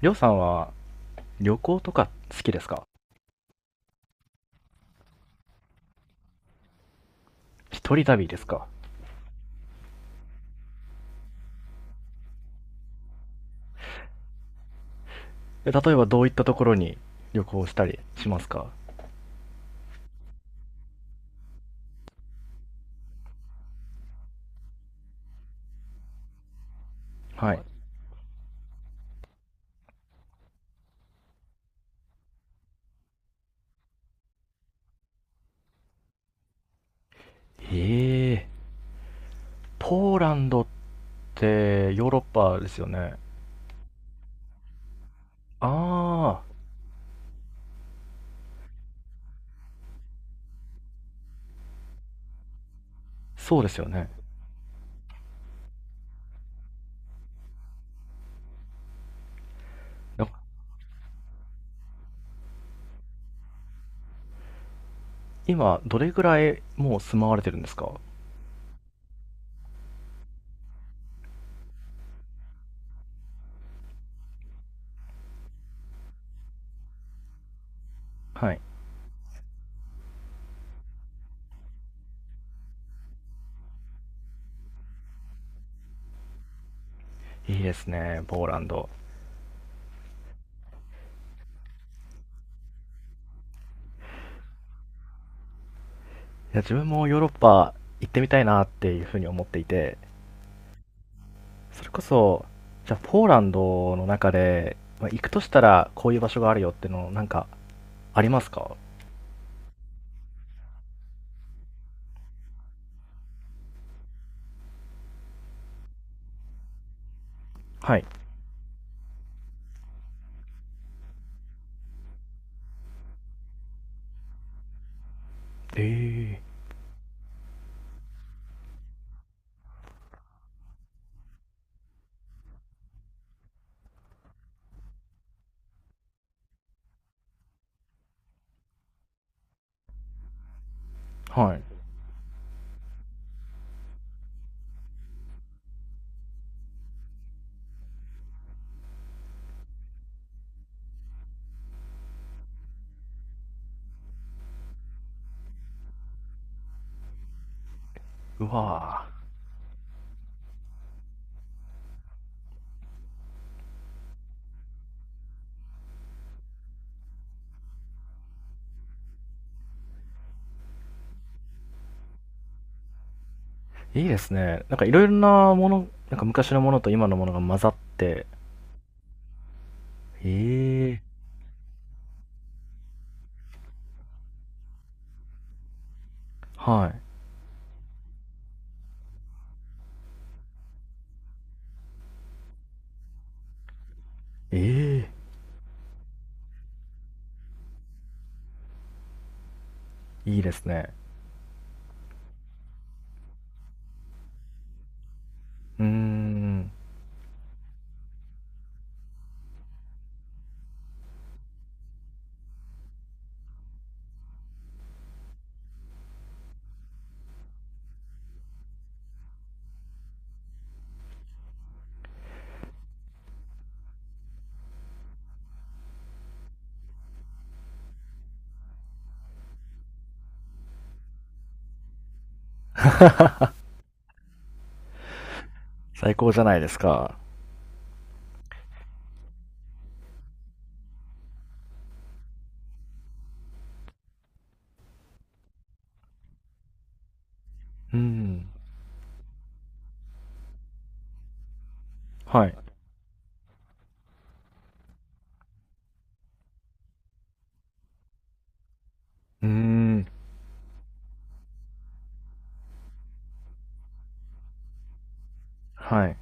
りょうさんは旅行とか好きですか？一人旅ですか？例えばどういったところに旅行したりしますか？はい。ええ、ポーランドってヨーロッパですよね。ああ、そうですよね。な今、どれぐらいもう住まわれてるんですか？はい。いいですね、ポーランド。いや、自分もヨーロッパ行ってみたいなっていうふうに思っていて、それこそ、じゃあポーランドの中で、まあ行くとしたらこういう場所があるよっていうのをなんかありますか？はい。ええ。はい。うわぁ。いいですね。なんかいろいろなもの、なんか昔のものと今のものが混ざって、ええ。はい。ええ、いいですね。うーん。最高じゃないですか。うん。はい。うーん。はい。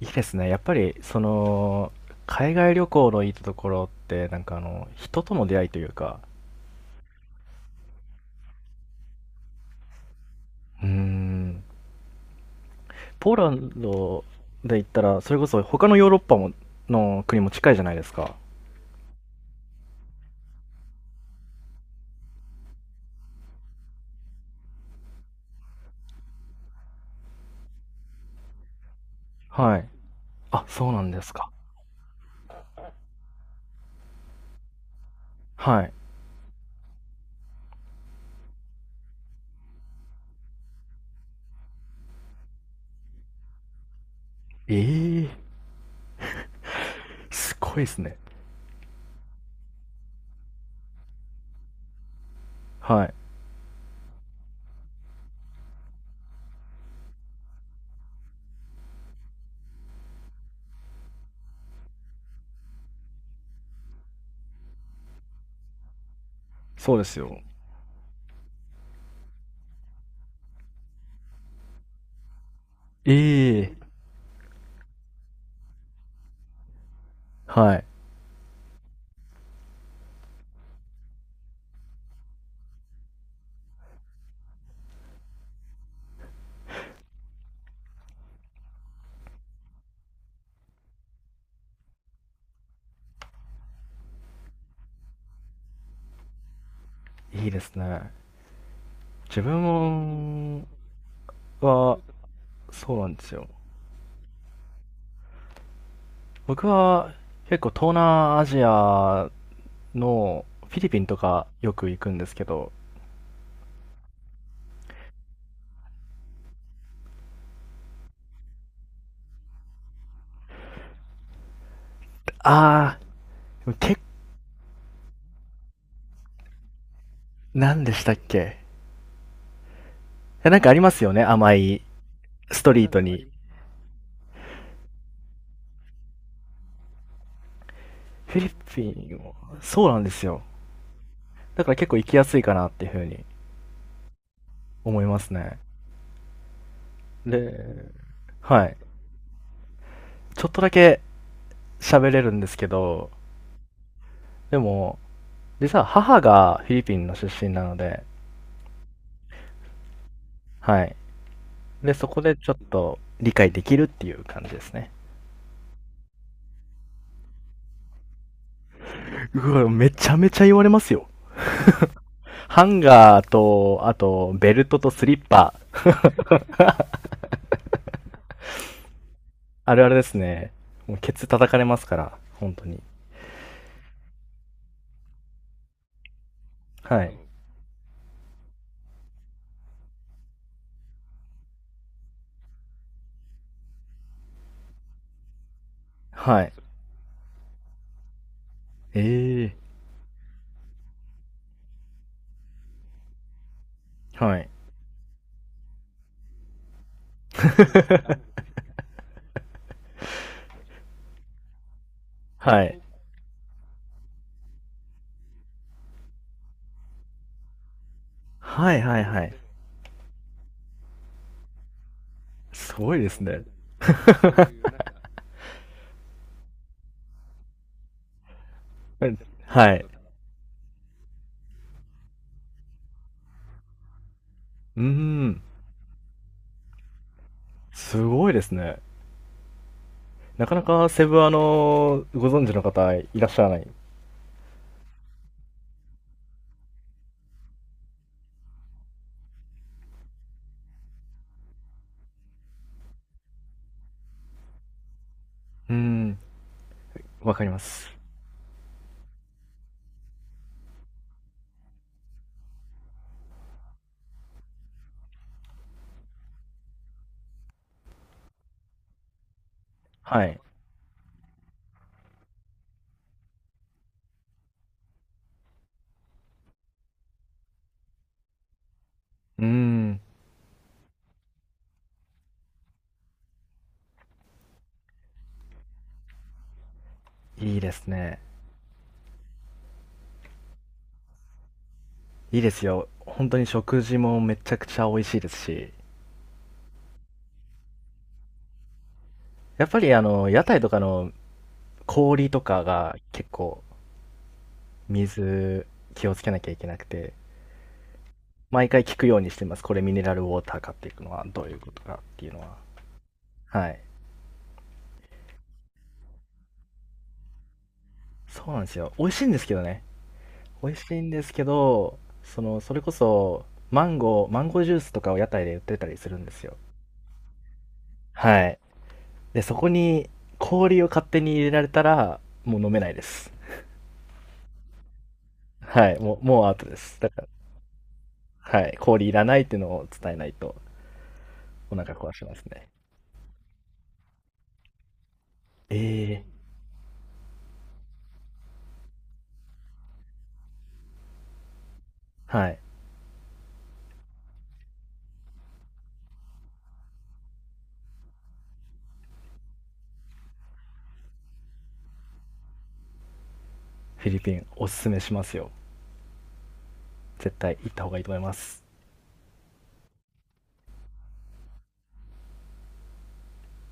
いいですね。やっぱり、その、海外旅行のいいところって、なんかあの、人との出会いというか、うーん。ポーランドで言ったら、それこそ他のヨーロッパもの国も近いじゃないですか。はい。あ、そうなんですか？はい。ええー、すごいですね。はい。そうですよ。ええー。はい。いいですね。自分は、そうなんですよ。僕は結構東南アジアのフィリピンとかよく行くんですけど、あー、何でしたっけ？いや、なんかありますよね、甘いストリートに。フィリピンは、そうなんですよ。だから結構行きやすいかなっていうふうに思いますね。で、はい。ちょっとだけ喋れるんですけど、でも、実は母がフィリピンの出身なので、はい。で、そこでちょっと理解できるっていう感じですね。うわ、めちゃめちゃ言われますよ。ハンガーと、あと、ベルトとスリッパ。あるあるですね。もうケツ叩かれますから、本当に。はい。はい。ええー。はい。はい。はいはいはい。すごいですね。え、はい。うーん。すごいですね。なかなかセブ、あの、ご存知の方いらっしゃらない。うーん、わかります。はい。うーん、いいですね。いいですよ。ほんとに食事もめちゃくちゃ美味しいですし、やっぱりあの、屋台とかの氷とかが結構、水気をつけなきゃいけなくて、毎回聞くようにしてます。これミネラルウォーターかっていうのはどういうことかっていうのは。はい。そうなんですよ。美味しいんですけどね。美味しいんですけど、その、それこそ、マンゴー、マンゴージュースとかを屋台で売ってたりするんですよ。はい。で、そこに氷を勝手に入れられたら、もう飲めないです。はい、もう、もうアウトです。だから、はい、氷いらないっていうのを伝えないと、お腹壊しますね。ええ。はい。フィリピン、おすすめしますよ。絶対行った方がいいと思います。